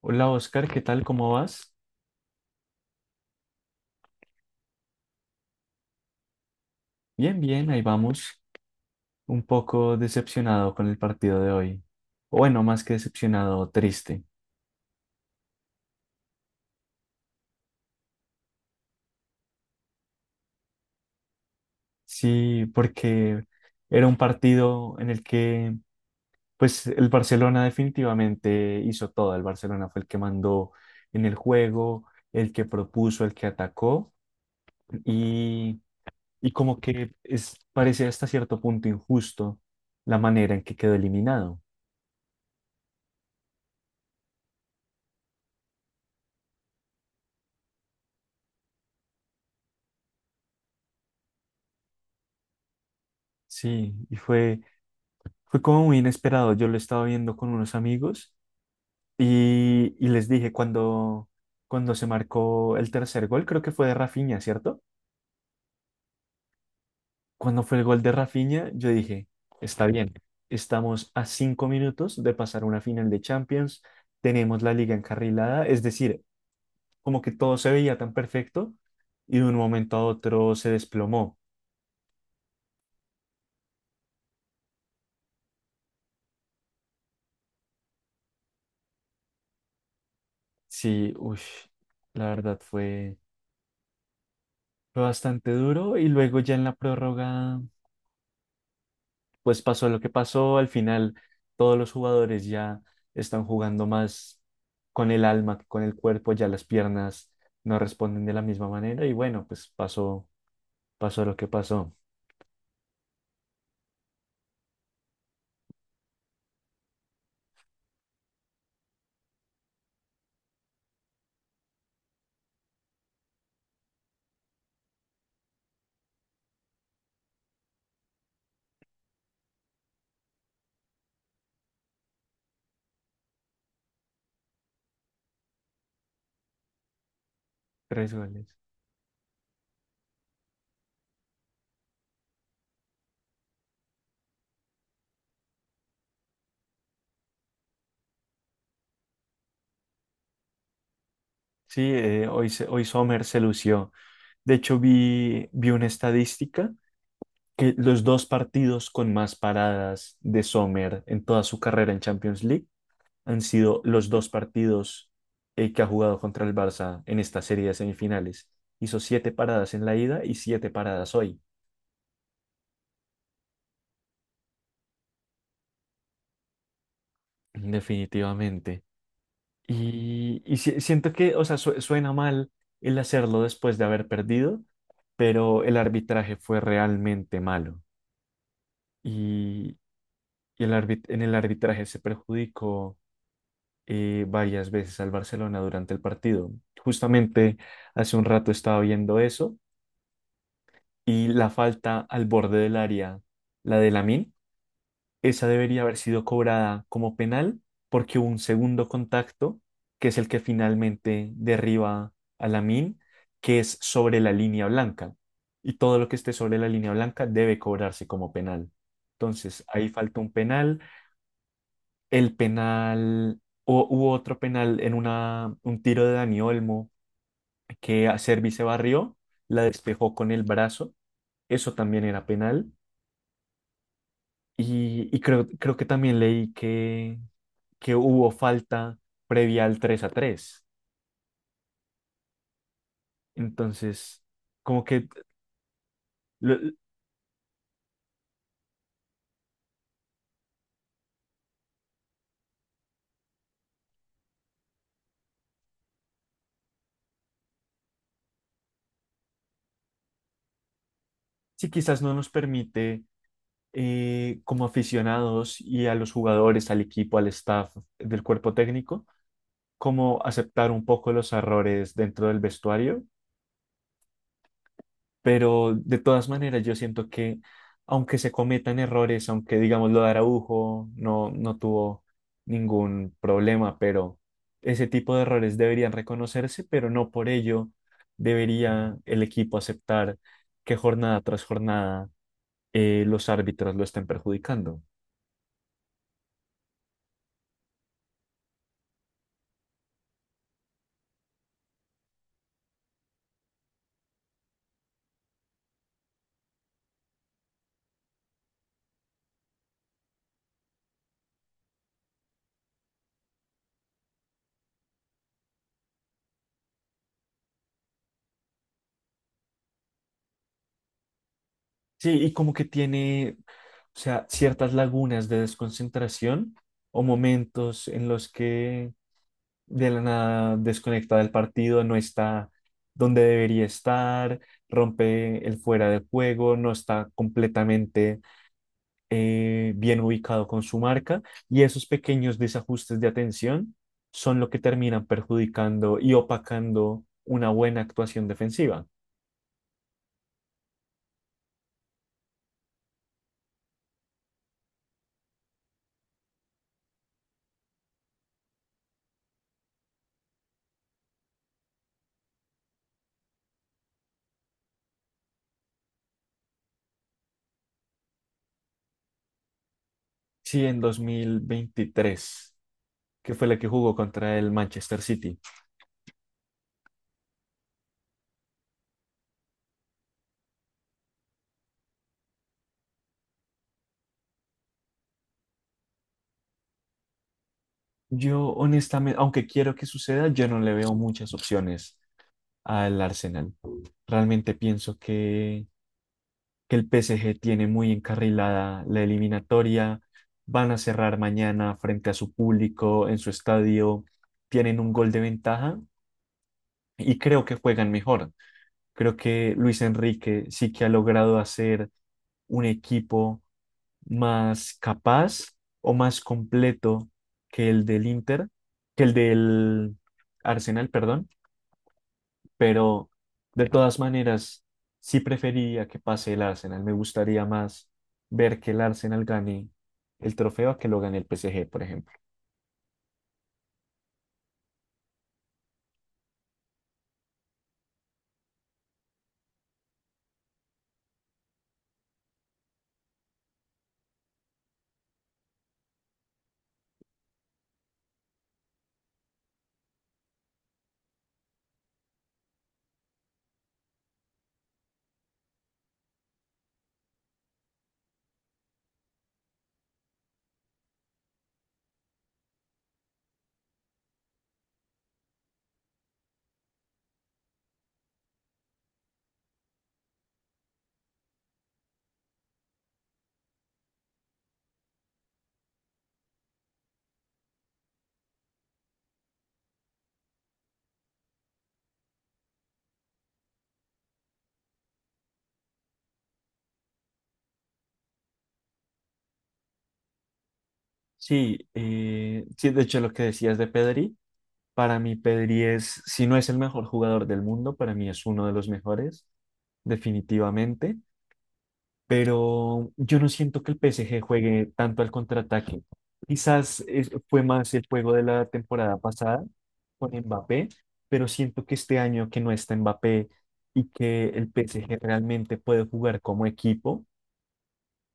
Hola Oscar, ¿qué tal? ¿Cómo vas? Bien, bien, ahí vamos. Un poco decepcionado con el partido de hoy. O bueno, más que decepcionado, triste. Sí, porque era un partido en el que, pues, el Barcelona definitivamente hizo todo. El Barcelona fue el que mandó en el juego, el que propuso, el que atacó. Y, y como que es, parece hasta cierto punto injusto la manera en que quedó eliminado. Sí, y fue como muy inesperado. Yo lo estaba viendo con unos amigos y les dije cuando, cuando se marcó el tercer gol, creo que fue de Rafinha, ¿cierto? Cuando fue el gol de Rafinha, yo dije, está bien, estamos a 5 minutos de pasar una final de Champions, tenemos la liga encarrilada, es decir, como que todo se veía tan perfecto y de un momento a otro se desplomó. Sí, uy, la verdad fue, fue bastante duro y luego ya en la prórroga pues pasó lo que pasó, al final todos los jugadores ya están jugando más con el alma que con el cuerpo, ya las piernas no responden de la misma manera y bueno, pues pasó, pasó lo que pasó. Tres goles. Sí, hoy, hoy Sommer se lució. De hecho, vi una estadística que los dos partidos con más paradas de Sommer en toda su carrera en Champions League han sido los dos partidos que ha jugado contra el Barça en esta serie de semifinales. Hizo 7 paradas en la ida y 7 paradas hoy, definitivamente. Y siento que, o sea, suena mal el hacerlo después de haber perdido, pero el arbitraje fue realmente malo. Y, y el en el arbitraje se perjudicó varias veces al Barcelona durante el partido. Justamente hace un rato estaba viendo eso. Y la falta al borde del área, la de Lamine, esa debería haber sido cobrada como penal porque hubo un segundo contacto, que es el que finalmente derriba a Lamine, que es sobre la línea blanca. Y todo lo que esté sobre la línea blanca debe cobrarse como penal. Entonces, ahí falta un penal. El penal, o hubo otro penal en una, un tiro de Dani Olmo que a Servi se barrió, la despejó con el brazo. Eso también era penal. Y creo, creo que también leí que hubo falta previa al 3 a tres. Entonces, como que si quizás no nos permite como aficionados y a los jugadores, al equipo, al staff del cuerpo técnico, como aceptar un poco los errores dentro del vestuario. Pero de todas maneras, yo siento que aunque se cometan errores, aunque digamos lo de Araujo no, no tuvo ningún problema, pero ese tipo de errores deberían reconocerse, pero no por ello debería el equipo aceptar que jornada tras jornada los árbitros lo estén perjudicando. Sí, y como que tiene, o sea, ciertas lagunas de desconcentración o momentos en los que de la nada desconecta del partido, no está donde debería estar, rompe el fuera de juego, no está completamente bien ubicado con su marca y esos pequeños desajustes de atención son lo que terminan perjudicando y opacando una buena actuación defensiva. Sí, en 2023 que fue la que jugó contra el Manchester City. Yo honestamente, aunque quiero que suceda, yo no le veo muchas opciones al Arsenal. Realmente pienso que el PSG tiene muy encarrilada la eliminatoria. Van a cerrar mañana frente a su público en su estadio. Tienen un gol de ventaja y creo que juegan mejor. Creo que Luis Enrique sí que ha logrado hacer un equipo más capaz o más completo que el del Inter, que el del Arsenal, perdón. Pero de todas maneras, sí preferiría que pase el Arsenal. Me gustaría más ver que el Arsenal gane el trofeo a que lo gane el PSG, por ejemplo. Sí, sí, de hecho lo que decías de Pedri, para mí Pedri es, si no es el mejor jugador del mundo, para mí es uno de los mejores, definitivamente. Pero yo no siento que el PSG juegue tanto al contraataque. Quizás fue más el juego de la temporada pasada con Mbappé, pero siento que este año que no está Mbappé y que el PSG realmente puede jugar como equipo,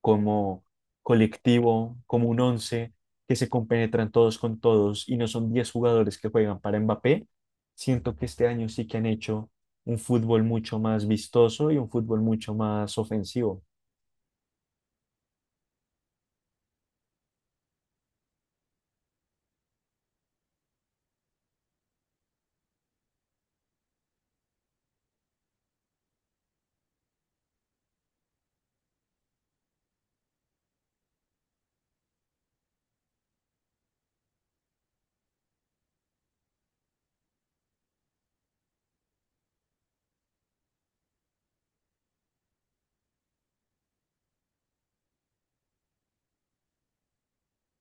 como colectivo, como un once, que se compenetran todos con todos y no son 10 jugadores que juegan para Mbappé, siento que este año sí que han hecho un fútbol mucho más vistoso y un fútbol mucho más ofensivo.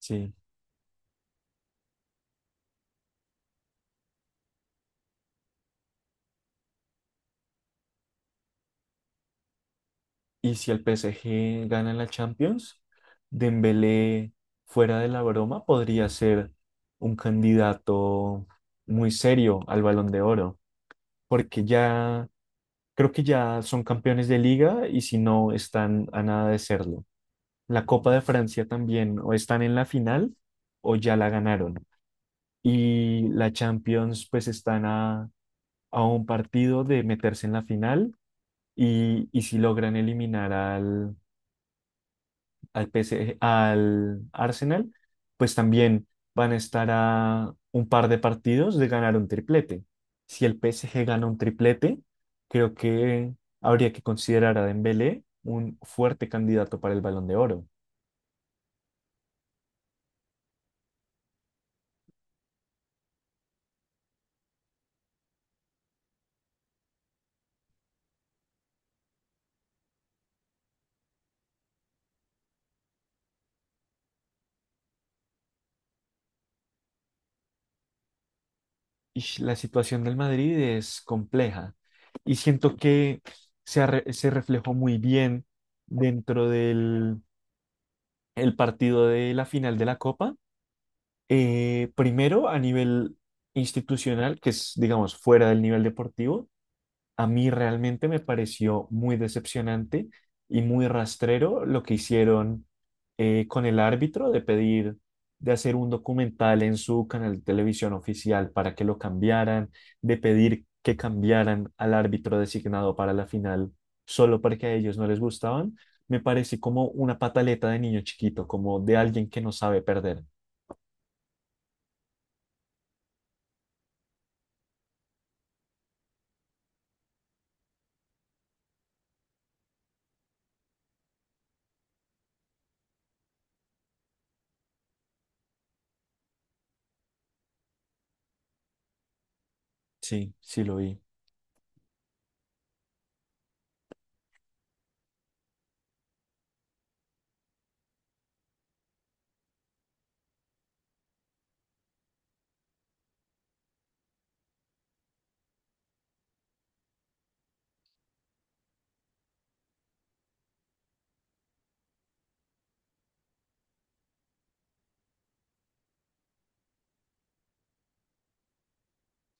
Sí. Y si el PSG gana la Champions, Dembélé, fuera de la broma, podría ser un candidato muy serio al Balón de Oro, porque ya creo que ya son campeones de liga y si no están a nada de serlo. La Copa de Francia también, o están en la final o ya la ganaron. Y la Champions, pues están a un partido de meterse en la final y si logran eliminar al al PSG al Arsenal, pues también van a estar a un par de partidos de ganar un triplete. Si el PSG gana un triplete, creo que habría que considerar a Dembélé un fuerte candidato para el Balón de Oro. Y la situación del Madrid es compleja y siento que se, se reflejó muy bien dentro del el partido de la final de la Copa. Primero, a nivel institucional, que es, digamos, fuera del nivel deportivo, a mí realmente me pareció muy decepcionante y muy rastrero lo que hicieron con el árbitro de pedir, de hacer un documental en su canal de televisión oficial para que lo cambiaran, de pedir que cambiaran al árbitro designado para la final solo porque a ellos no les gustaban. Me parece como una pataleta de niño chiquito, como de alguien que no sabe perder. Sí, sí lo vi.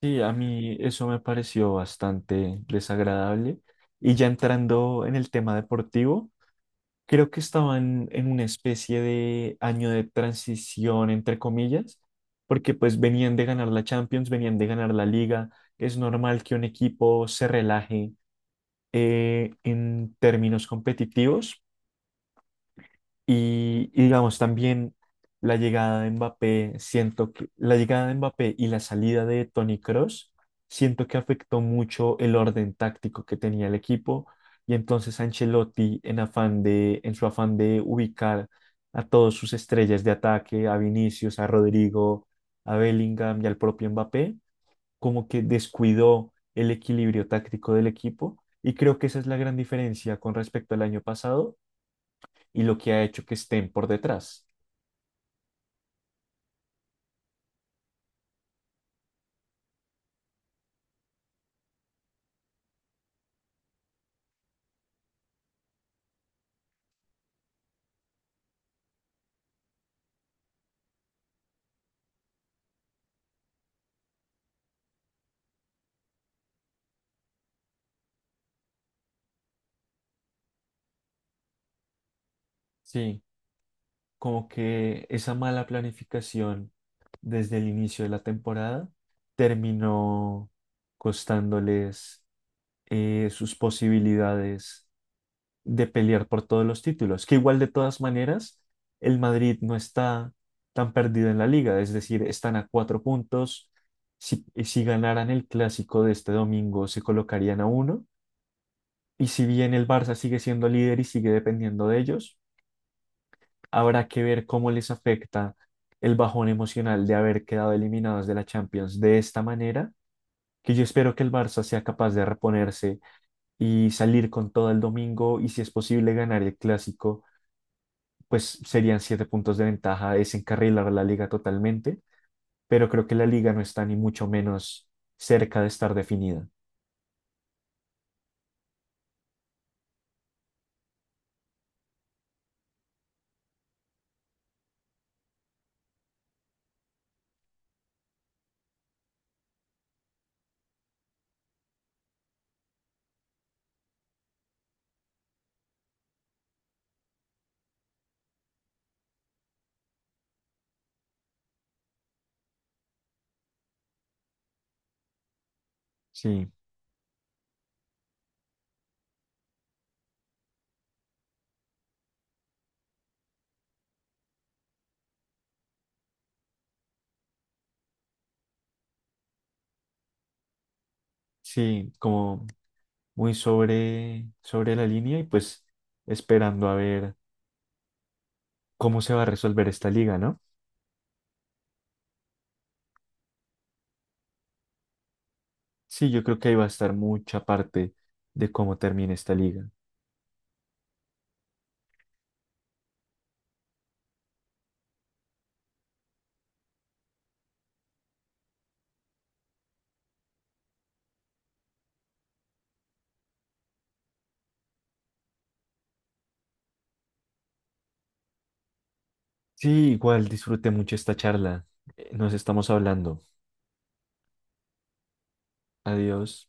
Sí, a mí eso me pareció bastante desagradable. Y ya entrando en el tema deportivo, creo que estaban en una especie de año de transición, entre comillas, porque pues venían de ganar la Champions, venían de ganar la Liga. Es normal que un equipo se relaje en términos competitivos y digamos también la llegada de Mbappé, siento que la llegada de Mbappé y la salida de Toni Kroos, siento que afectó mucho el orden táctico que tenía el equipo y entonces Ancelotti en afán de en su afán de ubicar a todas sus estrellas de ataque, a Vinicius, a Rodrigo, a Bellingham y al propio Mbappé, como que descuidó el equilibrio táctico del equipo y creo que esa es la gran diferencia con respecto al año pasado y lo que ha hecho que estén por detrás. Sí, como que esa mala planificación desde el inicio de la temporada terminó costándoles sus posibilidades de pelear por todos los títulos, que igual de todas maneras el Madrid no está tan perdido en la liga, es decir, están a 4 puntos. Si, si ganaran el clásico de este domingo, se colocarían a uno. Y si bien el Barça sigue siendo líder y sigue dependiendo de ellos, habrá que ver cómo les afecta el bajón emocional de haber quedado eliminados de la Champions de esta manera, que yo espero que el Barça sea capaz de reponerse y salir con todo el domingo y si es posible ganar el clásico, pues serían 7 puntos de ventaja, desencarrilar la liga totalmente, pero creo que la liga no está ni mucho menos cerca de estar definida. Sí, sí, como muy sobre, sobre la línea y pues esperando a ver cómo se va a resolver esta liga, ¿no? Sí, yo creo que ahí va a estar mucha parte de cómo termina esta liga. Sí, igual disfruté mucho esta charla. Nos estamos hablando. Adiós.